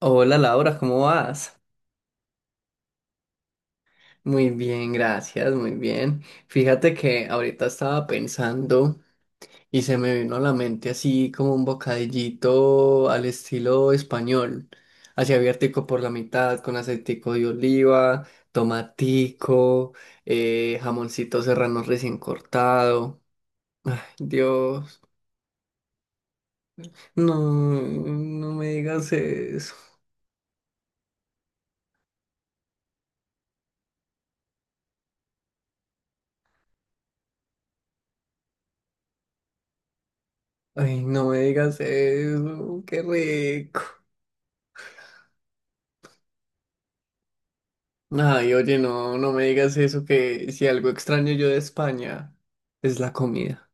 Hola Laura, ¿cómo vas? Muy bien, gracias, muy bien. Fíjate que ahorita estaba pensando y se me vino a la mente así como un bocadillito al estilo español, así abiertico por la mitad, con aceitico de oliva, tomatico, jamoncito serrano recién cortado. Ay, Dios, no, no me digas eso. Ay, no me digas eso, qué rico. Ay, oye, no, no me digas eso, que si algo extraño yo de España es la comida.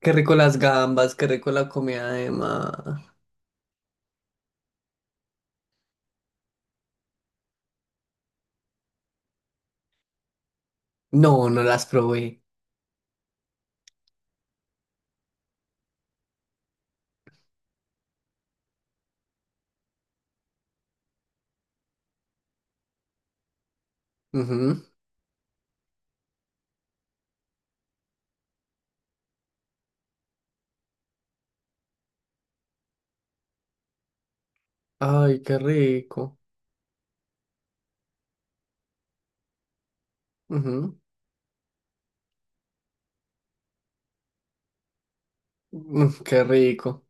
Qué rico las gambas, qué rico la comida de mar. No, no las probé. Ujú. Ay, qué rico. Ujú. Qué rico.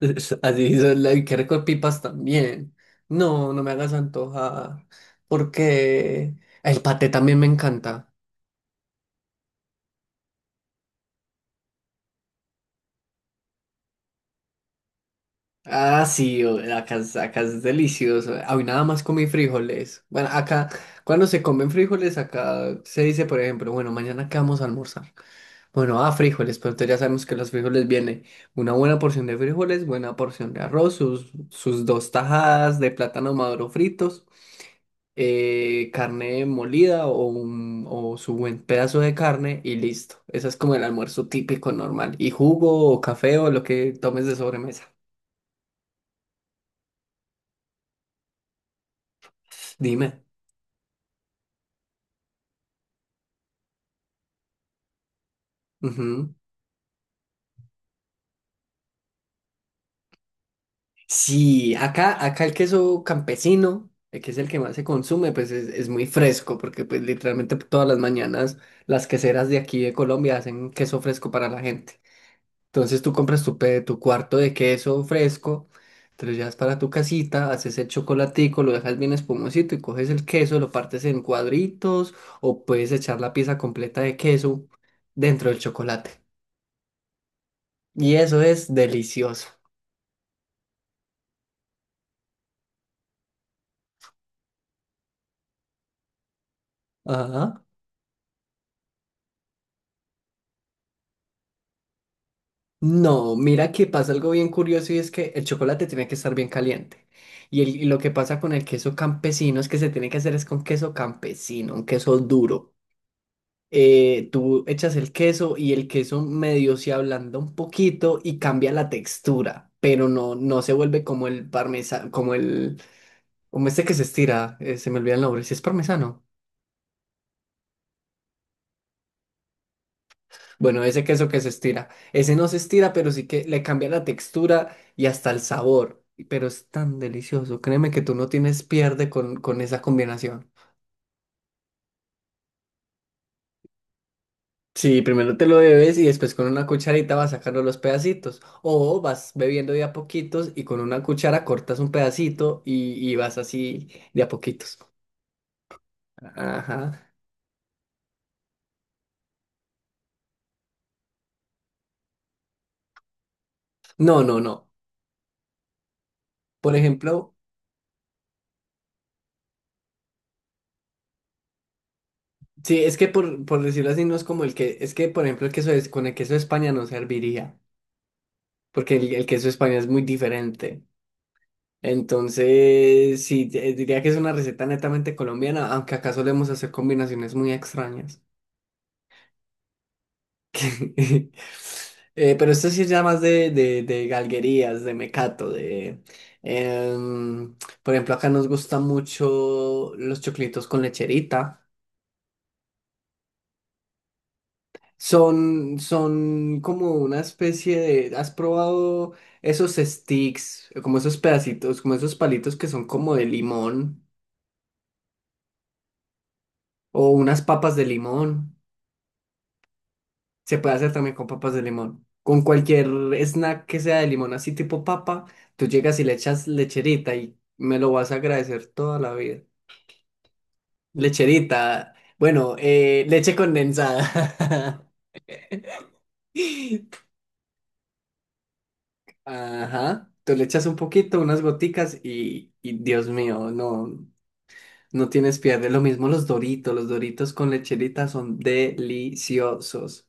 Así son y qué rico pipas también. No, no me hagas antojar. Porque el paté también me encanta. Ah, sí, acá es delicioso. Hoy nada más comí frijoles. Bueno, acá, cuando se comen frijoles, acá se dice, por ejemplo, bueno, mañana qué vamos a almorzar. Bueno, ah, frijoles, pero entonces ya sabemos que los frijoles vienen una buena porción de frijoles, buena porción de arroz, sus dos tajadas de plátano maduro fritos, carne molida o su buen pedazo de carne y listo. Eso es como el almuerzo típico normal. Y jugo o café o lo que tomes de sobremesa. Dime. Ujú. Sí, acá el queso campesino, que es el que más se consume, pues es muy fresco, porque pues literalmente todas las mañanas las queseras de aquí de Colombia hacen queso fresco para la gente. Entonces tú compras tu cuarto de queso fresco, te lo llevas para tu casita, haces el chocolatico, lo dejas bien espumosito y coges el queso, lo partes en cuadritos o puedes echar la pieza completa de queso dentro del chocolate. Y eso es delicioso. Ajá. No, mira que pasa algo bien curioso y es que el chocolate tiene que estar bien caliente. Y lo que pasa con el queso campesino es que se tiene que hacer es con queso campesino, un queso duro. Tú echas el queso y el queso medio se ablanda un poquito y cambia la textura, pero no, no se vuelve como el parmesano, como el, como este que se estira, se me olvida el nombre, si es parmesano. Bueno, ese queso que se estira. Ese no se estira, pero sí que le cambia la textura y hasta el sabor. Pero es tan delicioso. Créeme que tú no tienes pierde con esa combinación. Sí, primero te lo bebes y después con una cucharita vas sacando los pedacitos. O vas bebiendo de a poquitos y con una cuchara cortas un pedacito y vas así de a poquitos. Ajá. No, no, no. Por ejemplo, sí, es que por decirlo así, no es como el que, es que por ejemplo el queso es, con el queso de España no serviría. Porque el queso español es muy diferente. Entonces, sí, diría que es una receta netamente colombiana, aunque acá solemos hacer combinaciones muy extrañas. Pero esto sí es ya más de galguerías, de mecato, de. em, por ejemplo, acá nos gustan mucho los choclitos con lecherita. Son como una especie de. ¿Has probado esos sticks, como esos pedacitos, como esos palitos que son como de limón? O unas papas de limón. Se puede hacer también con papas de limón. Con cualquier snack que sea de limón, así tipo papa, tú llegas y le echas lecherita y me lo vas a agradecer toda la vida. Lecherita. Bueno, leche condensada. Ajá. Tú le echas un poquito, unas goticas y Dios mío, no, no tienes pierde. Lo mismo los Doritos. Los Doritos con lecherita son deliciosos.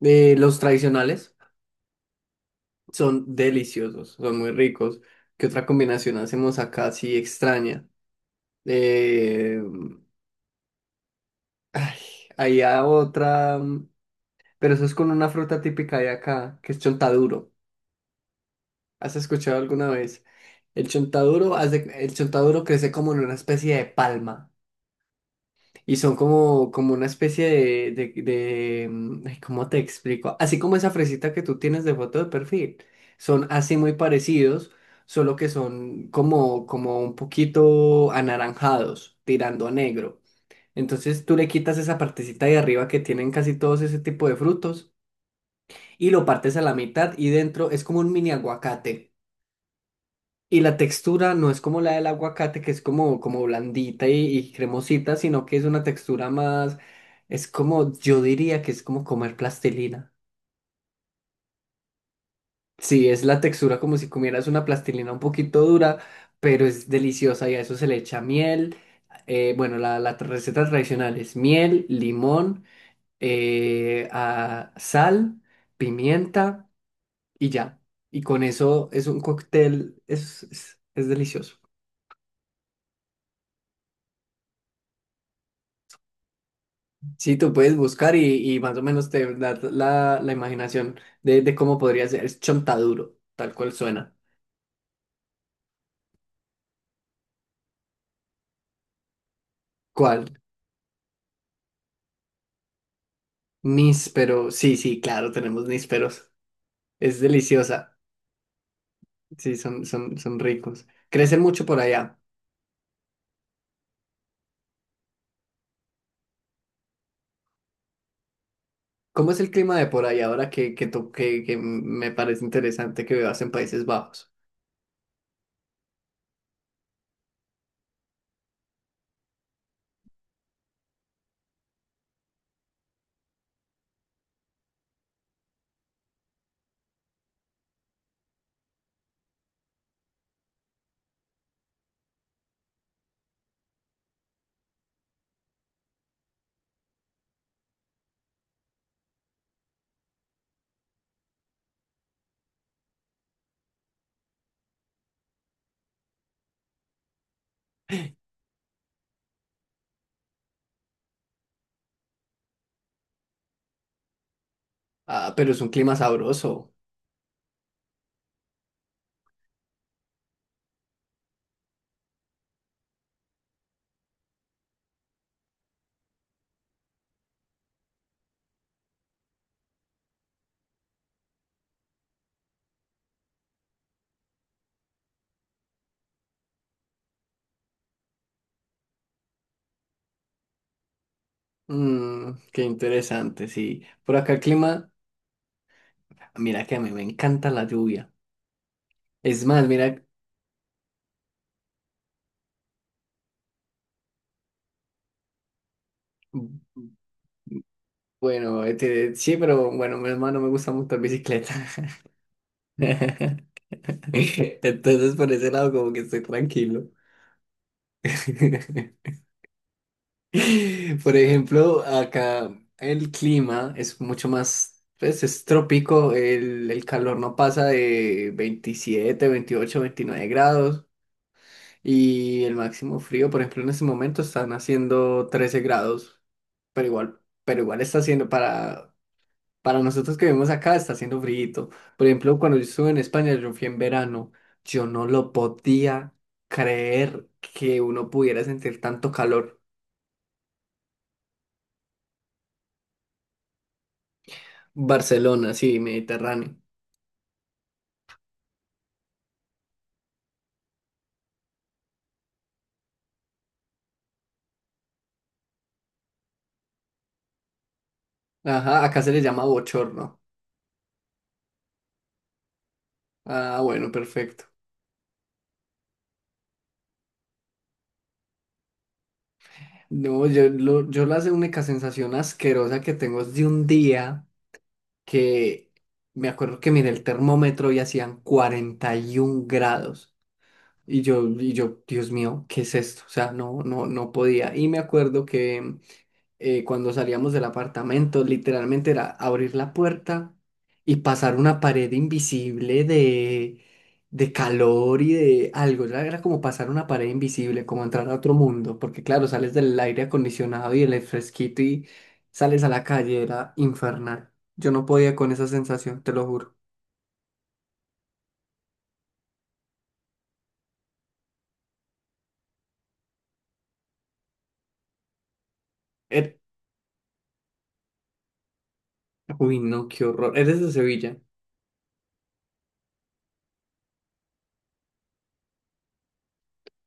Los tradicionales. Son deliciosos, son muy ricos. ¿Qué otra combinación hacemos acá así extraña? Eh, ay, había otra, pero eso es con una fruta típica de acá, que es chontaduro. ¿Has escuchado alguna vez? El chontaduro crece como en una especie de palma. Y son como una especie ay, ¿cómo te explico? Así como esa fresita que tú tienes de foto de perfil. Son así muy parecidos, solo que son como un poquito anaranjados, tirando a negro. Entonces tú le quitas esa partecita de arriba que tienen casi todos ese tipo de frutos y lo partes a la mitad y dentro es como un mini aguacate. Y la textura no es como la del aguacate, que es como blandita y cremosita, sino que es una textura más, yo diría que es como comer plastilina. Sí, es la textura como si comieras una plastilina un poquito dura, pero es deliciosa y a eso se le echa miel. Bueno, la receta tradicional es miel, limón, sal, pimienta y ya. Y con eso es un cóctel, es delicioso. Sí, tú puedes buscar y más o menos te da la imaginación de cómo podría ser. Es chontaduro, tal cual suena. ¿Cuál? Níspero. Sí, sí, claro, tenemos nísperos. Es deliciosa. Sí, son ricos. Crecen mucho por allá. ¿Cómo es el clima de por allá ahora que me parece interesante que vivas en Países Bajos? Ah, pero es un clima sabroso. Qué interesante, sí. Por acá el clima, mira que a mí me encanta la lluvia. Es más, mira. Bueno, este, sí, pero bueno, mi hermano me gusta mucho la bicicleta. Entonces, por ese lado, como que estoy tranquilo. Por ejemplo, acá el clima es mucho más, pues es trópico, el calor no pasa de 27, 28, 29 grados y el máximo frío, por ejemplo, en este momento están haciendo 13 grados, pero igual está haciendo para. Para nosotros que vivimos acá está haciendo frío. Por ejemplo, cuando yo estuve en España, yo fui en verano, yo no lo podía creer que uno pudiera sentir tanto calor. Barcelona, sí, Mediterráneo. Ajá, acá se le llama bochorno. Ah, bueno, perfecto. No, yo la única sensación asquerosa que tengo es de un día que me acuerdo que miré el termómetro y hacían 41 grados. Y yo, Dios mío, ¿qué es esto? O sea, no, no, no podía. Y me acuerdo que cuando salíamos del apartamento, literalmente era abrir la puerta y pasar una pared invisible de calor y de algo. Era como pasar una pared invisible, como entrar a otro mundo, porque claro, sales del aire acondicionado y el fresquito y sales a la calle, era infernal. Yo no podía con esa sensación, te lo juro. Er- Uy, no, qué horror. Eres de Sevilla.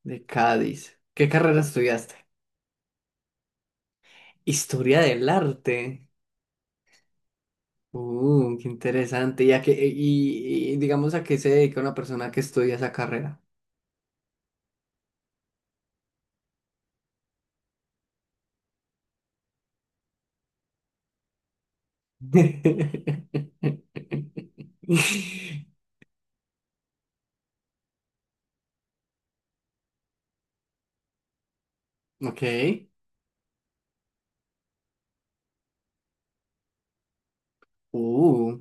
De Cádiz. ¿Qué carrera estudiaste? Historia del arte. Qué interesante. ¿Y, digamos a qué se dedica una persona que estudia esa carrera? Ok. Uh.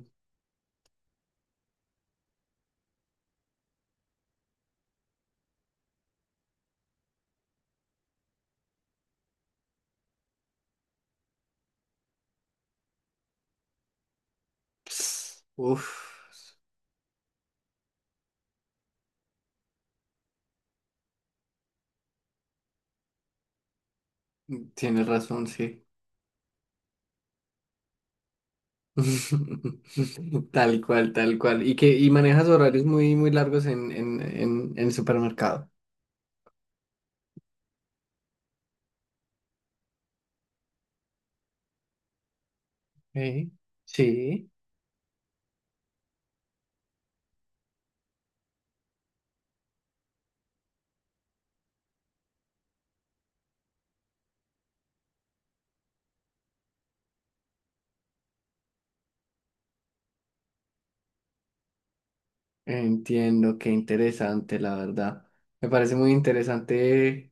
Ps, Uf. Tienes razón, sí. Tal cual, tal cual. Y manejas horarios muy, muy largos en el supermercado. Ok, Sí. Entiendo, qué interesante, la verdad. Me parece muy interesante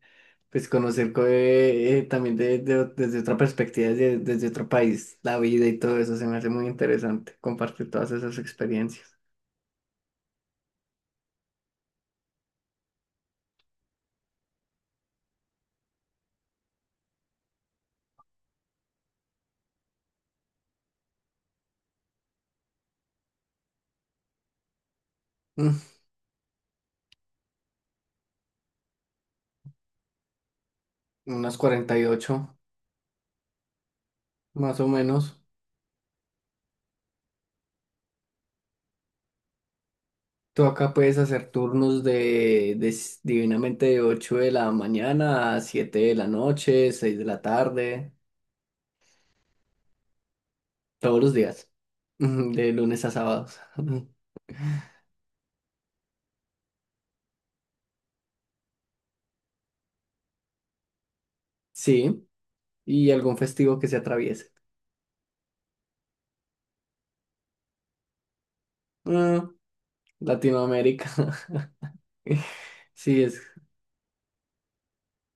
pues conocer también desde otra perspectiva, desde otro país, la vida y todo eso. Se me hace muy interesante compartir todas esas experiencias. Mm, Unas 48 más o menos. Tú acá puedes hacer turnos de divinamente de 8 de la mañana a 7 de la noche, 6 de la tarde, todos los días, de lunes a sábados. Sí. Y algún festivo que se atraviese. Ah, Latinoamérica. Sí, es.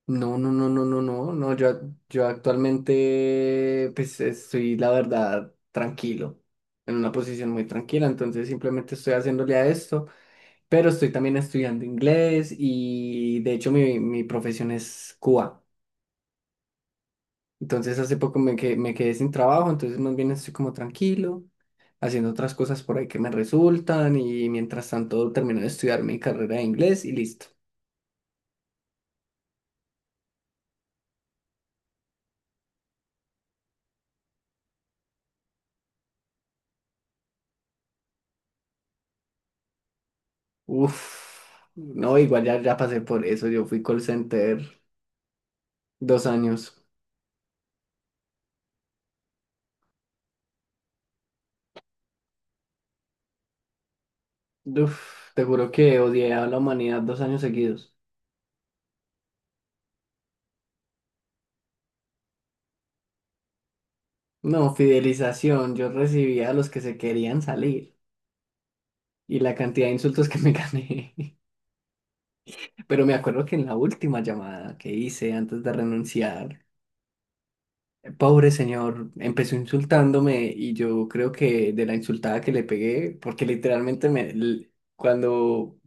No, no, no, no, no, no, no. Yo actualmente, pues estoy, la verdad, tranquilo, en una posición muy tranquila. Entonces, simplemente estoy haciéndole a esto, pero estoy también estudiando inglés y de hecho, mi profesión es cuba. Entonces hace poco me quedé sin trabajo, entonces más bien estoy como tranquilo, haciendo otras cosas por ahí que me resultan y mientras tanto termino de estudiar mi carrera de inglés y listo. Uf, no, igual ya, ya pasé por eso, yo fui call center 2 años. Uf, te juro que odié a la humanidad 2 años seguidos. No, fidelización, yo recibía a los que se querían salir y la cantidad de insultos que me gané. Pero me acuerdo que en la última llamada que hice antes de renunciar, pobre señor, empezó insultándome y yo creo que de la insultada que le pegué, porque literalmente cuando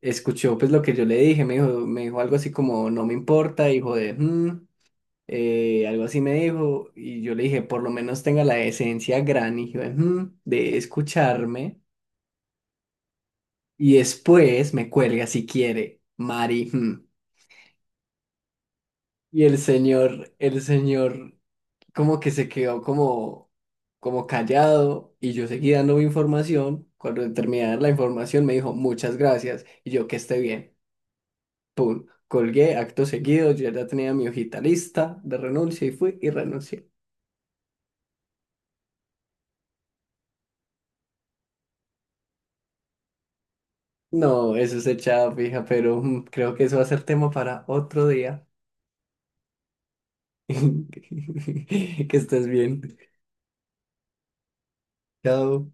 escuchó pues lo que yo le dije, me dijo algo así como no me importa, hijo de "Mm", algo así me dijo y yo le dije por lo menos tenga la decencia gran hijo de, "Mm", de escucharme y después me cuelga si quiere, Mari. "Mm". Y el señor como que se quedó como callado y yo seguí dando mi información. Cuando terminé de dar la información me dijo muchas gracias y yo que esté bien. Pum, colgué acto seguido, yo ya tenía mi hojita lista de renuncia y fui y renuncié. No, eso es echada fija, pero creo que eso va a ser tema para otro día. Que estés bien. Chao.